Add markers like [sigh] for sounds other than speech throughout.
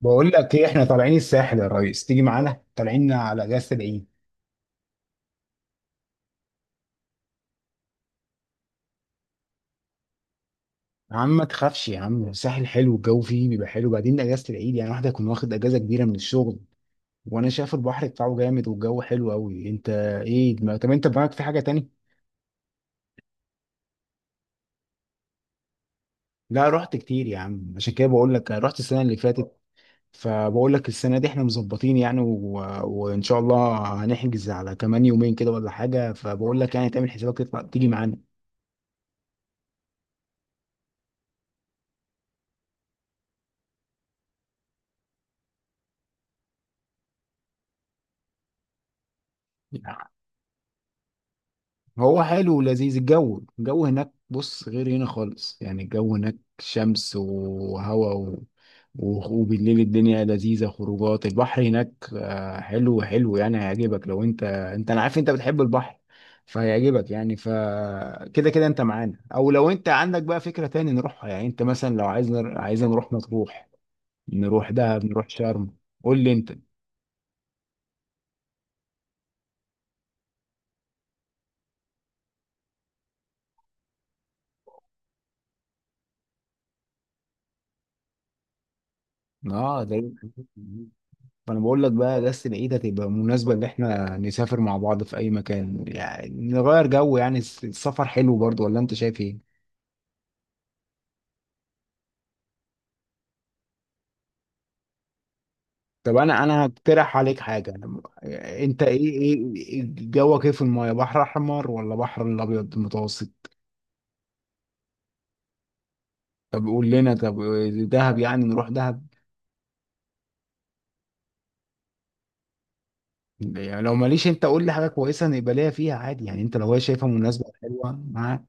بقول لك ايه؟ احنا طالعين الساحل يا ريس، تيجي معانا، طالعين على اجازه العيد. يا عم ما تخافش يا عم، الساحل حلو، الجو فيه بيبقى حلو، بعدين اجازه العيد يعني واحد يكون واخد اجازه كبيره من الشغل، وانا شايف البحر بتاعه جامد والجو حلو قوي. انت ايه طب انت دماغك في حاجه تاني؟ لا رحت كتير يا عم، عشان كده بقول لك، رحت السنه اللي فاتت، فبقول لك السنه دي احنا مظبطين يعني وان شاء الله هنحجز على كمان يومين كده ولا حاجه، فبقول لك يعني تعمل حسابك تطلع تيجي معانا. هو حلو ولذيذ الجو، الجو هناك، بص غير هنا خالص، يعني الجو هناك شمس وهواء و... و- وبالليل الدنيا لذيذة، خروجات البحر هناك حلو حلو يعني، هيعجبك، لو انت انا عارف انت بتحب البحر فهيعجبك، يعني فكده كده كده انت معانا، او لو انت عندك بقى فكرة تاني نروحها، يعني انت مثلا لو عايز عايز نروح مطروح، نروح دهب، نروح شرم. قول لي انت. اه ده. فانا بقول لك بقى، اجازه العيد هتبقى مناسبه ان احنا نسافر مع بعض في اي مكان، يعني نغير جو، يعني السفر حلو برضو، ولا انت شايف ايه؟ طب انا هقترح عليك حاجه. انت ايه إيه جوك ايه في المايه، بحر احمر ولا بحر الابيض المتوسط؟ طب قول لنا طب، دهب، يعني نروح دهب. يعني لو ماليش، انت قول لي حاجه كويسه نبقى ليا فيها عادي، يعني انت لو هي شايفها مناسبه حلوه معاك.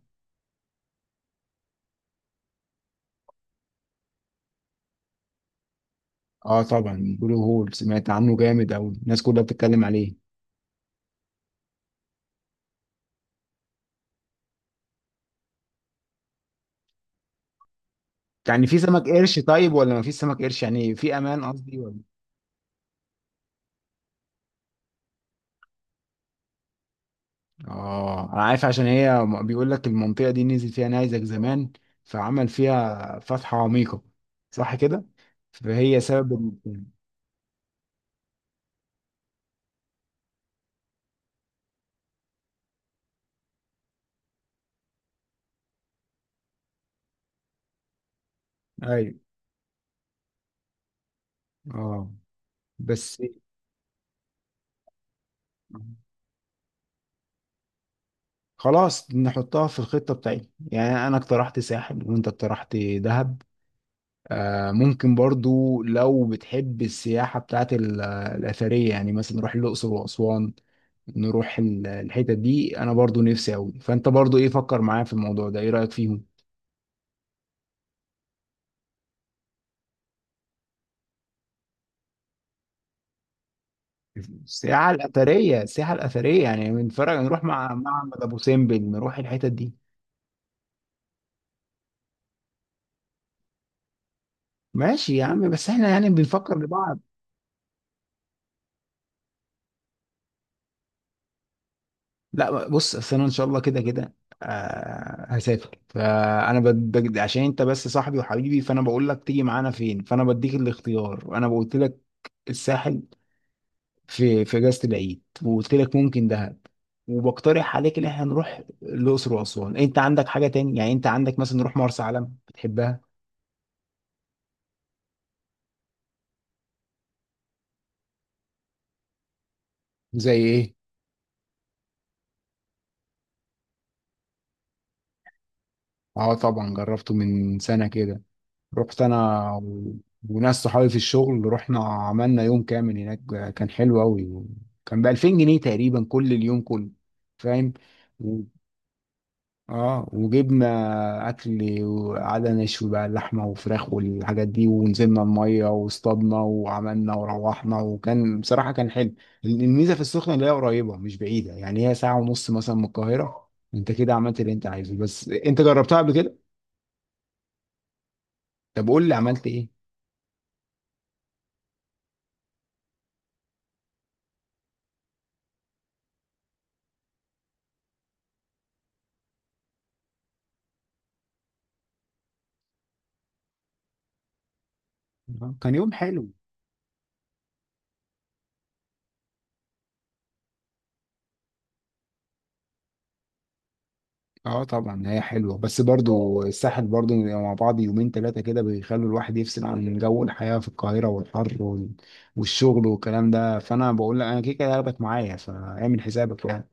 اه طبعا، بلو هول سمعت عنه جامد، او الناس كلها بتتكلم عليه. يعني في سمك قرش طيب ولا ما فيش سمك قرش، يعني في امان قصدي ولا؟ اه انا عارف، عشان هي بيقول لك المنطقه دي نزل فيها نيزك زمان، فعمل فيها فتحه عميقه، صح كده؟ فهي سبب ال- ايوه، اه بس. خلاص نحطها في الخطه بتاعتي، يعني انا اقترحت ساحل وانت اقترحت دهب. آه ممكن برضو لو بتحب السياحه بتاعت الاثريه، يعني مثلا نروح الاقصر واسوان، نروح الحتت دي، انا برضو نفسي اوي، فانت برضو ايه، فكر معايا في الموضوع ده، ايه رايك فيهم؟ السياحه الاثريه، السياحه الاثريه، يعني من فرق نروح مع معبد ابو سمبل، نروح الحتت دي. ماشي يا عم، بس احنا يعني بنفكر لبعض. لا بص، اصل انا ان شاء الله كده كده هسافر، فانا عشان انت بس صاحبي وحبيبي، فانا بقول لك تيجي معانا فين، فانا بديك الاختيار. وانا قلت لك الساحل في اجازه العيد، وقلت لك ممكن دهب، وبقترح عليك ان احنا نروح الاقصر واسوان. انت عندك حاجه تاني يعني، انت عندك مثلا نروح مرسى علم، بتحبها؟ زي ايه؟ اه طبعا جربته من سنه كده، رحت وناس صحابي في الشغل، رحنا عملنا يوم كامل هناك، كان حلو قوي، كان ب 2000 جنيه تقريبا كل اليوم كله، فاهم. اه وجبنا اكل وقعدنا نشوي بقى اللحمه وفراخ والحاجات دي، ونزلنا الميه واصطادنا وعملنا وروحنا، وكان بصراحه كان حلو. الميزه في السخنه اللي هي قريبه مش بعيده، يعني هي ساعه ونص مثلا من القاهره، انت كده عملت اللي انت عايزه، بس انت جربتها قبل كده؟ طب قول لي عملت ايه؟ كان يوم حلو. اه طبعا هي حلوه، بس برضو الساحل برضو بيبقى مع بعض يومين ثلاثه كده، بيخلوا الواحد يفصل عن جو الحياه في القاهره والحر والشغل والكلام ده، فانا بقول لك انا كده كده هاخدك معايا، فاعمل حسابك يعني.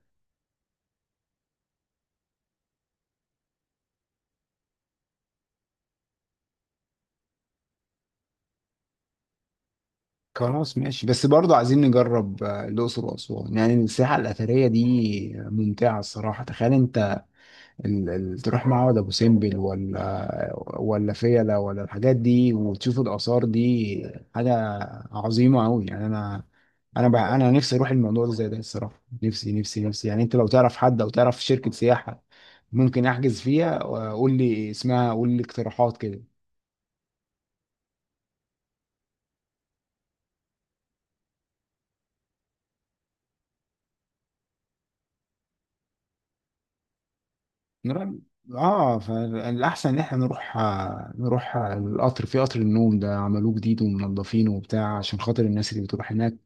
خلاص ماشي، بس برضو عايزين نجرب الاقصر واسوان، يعني الساحه الاثريه دي ممتعه الصراحه، تخيل انت تروح معبد ابو سمبل، ولا فيلة، ولا الحاجات دي، وتشوف الاثار دي، حاجه عظيمه قوي يعني. انا بقى انا نفسي اروح الموضوع ده زي ده الصراحه، نفسي نفسي نفسي، يعني انت لو تعرف حد او تعرف شركه سياحه ممكن احجز فيها، وقول لي اسمها، قول لي اقتراحات كده. نروح، اه فالاحسن ان احنا نروح، نروح القطر، في قطر النوم ده عملوه جديد ومنضفينه وبتاع، عشان خاطر الناس اللي بتروح هناك.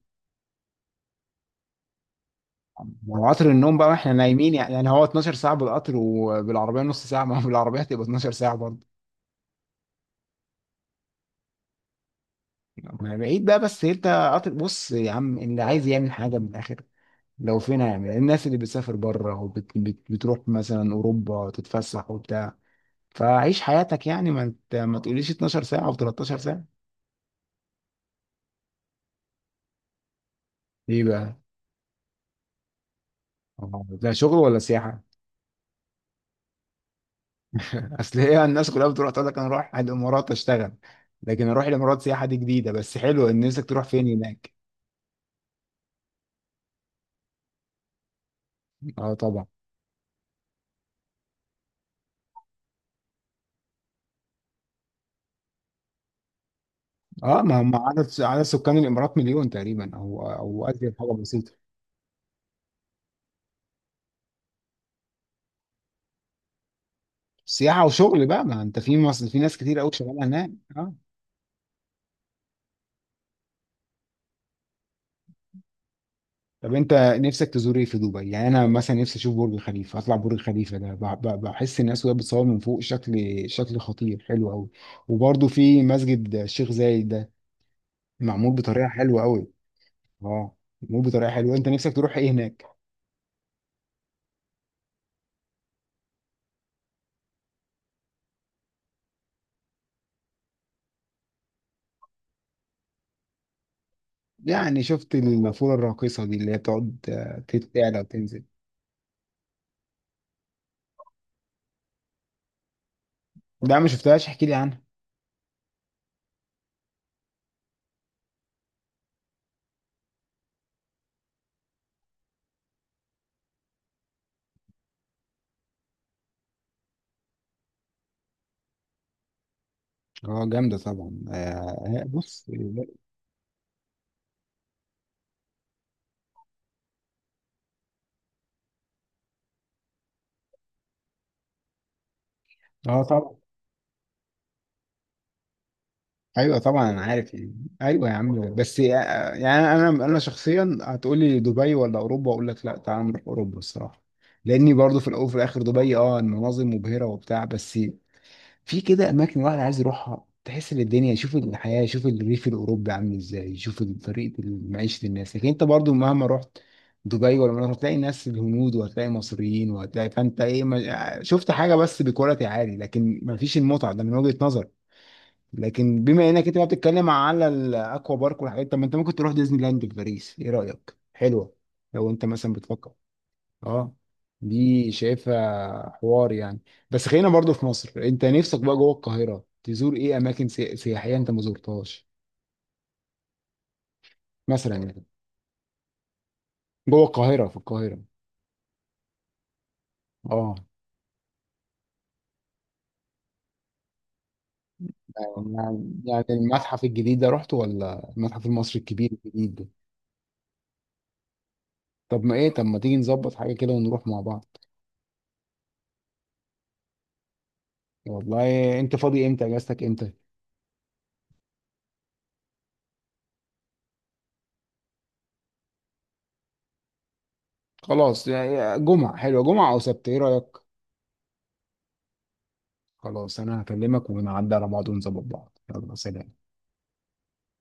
لو قطر النوم بقى واحنا نايمين، يعني هو 12 ساعة بالقطر، وبالعربية نص ساعة، ما هو بالعربية هتبقى 12 ساعة برضه. ما بعيد بقى بس انت، قطر، بص يا عم اللي عايز يعمل حاجة من الآخر، لو فين هيعمل، الناس اللي بتسافر بره وبتروح مثلا أوروبا تتفسح وبتاع، فعيش حياتك يعني، ما انت ما تقوليش 12 ساعة أو 13 ساعة. ايه بقى؟ آه، ده شغل ولا سياحة؟ [laughs] اصل هي الناس كلها بتروح تقول لك انا اروح الامارات اشتغل، لكن اروح الامارات سياحة دي جديدة، بس حلو، ان نفسك تروح فين هناك؟ اه طبعا. اه ما هم عدد سكان الامارات مليون تقريبا، او ازيد حاجه بسيطه. سياحه وشغل بقى، ما انت في مصر في ناس كتير قوي شغاله هناك. اه، طب انت نفسك تزور ايه في دبي؟ يعني انا مثلا نفسي اشوف برج خليفه، اطلع برج خليفه ده بحس الناس وهي بتصور من فوق شكل، شكل خطير حلو قوي. وبرضه في مسجد الشيخ زايد ده، معمول بطريقه حلوه قوي. اه معمول بطريقه حلوه، انت نفسك تروح ايه هناك؟ يعني شفت النافوره الراقصه دي، اللي هي بتقعد تعلى وتنزل. ده ما شفتهاش، احكي لي عنها. اه جامدة طبعا بص. اه طبعا. ايوه طبعا انا عارف يعني. ايوه يا عم، بس يعني انا شخصيا هتقولي دبي ولا اوروبا، اقول لك لا، تعال نروح اوروبا الصراحة. لاني برضو في الاول وفي الاخر دبي، اه المناظر مبهرة وبتاع، بس في كده اماكن الواحد عايز يروحها تحس ان الدنيا، يشوف الحياه، يشوف الريف الاوروبي عامل ازاي، يشوف طريقه معيشه الناس. لكن انت برضو مهما رحت دبي ولا مناطق هتلاقي ناس الهنود، وهتلاقي مصريين، وهتلاقي، فانت ايه ما شفت حاجه، بس بكواليتي عالي، لكن ما فيش المتعه ده من وجهه نظر. لكن بما انك انت بقى بتتكلم على الاكوا بارك والحاجات، طب ما انت ممكن تروح ديزني لاند في باريس، ايه رايك، حلوه؟ لو انت مثلا بتفكر. اه دي شايفها حوار يعني. بس خلينا برضو في مصر، انت نفسك بقى جوه القاهرة تزور ايه اماكن سياحية انت ما زرتهاش مثلا يعني؟ جوه القاهرة، في القاهرة. اه، يعني المتحف الجديد ده رحته، ولا المتحف المصري الكبير الجديد ده؟ طب ما ايه، طب ما تيجي نظبط حاجة كده ونروح مع بعض. والله انت فاضي امتى، اجازتك امتى؟ خلاص يعني جمعة، حلوة جمعة او سبت، ايه رأيك؟ خلاص انا هكلمك ونعدي على بعض ونظبط بعض، يلا سلام.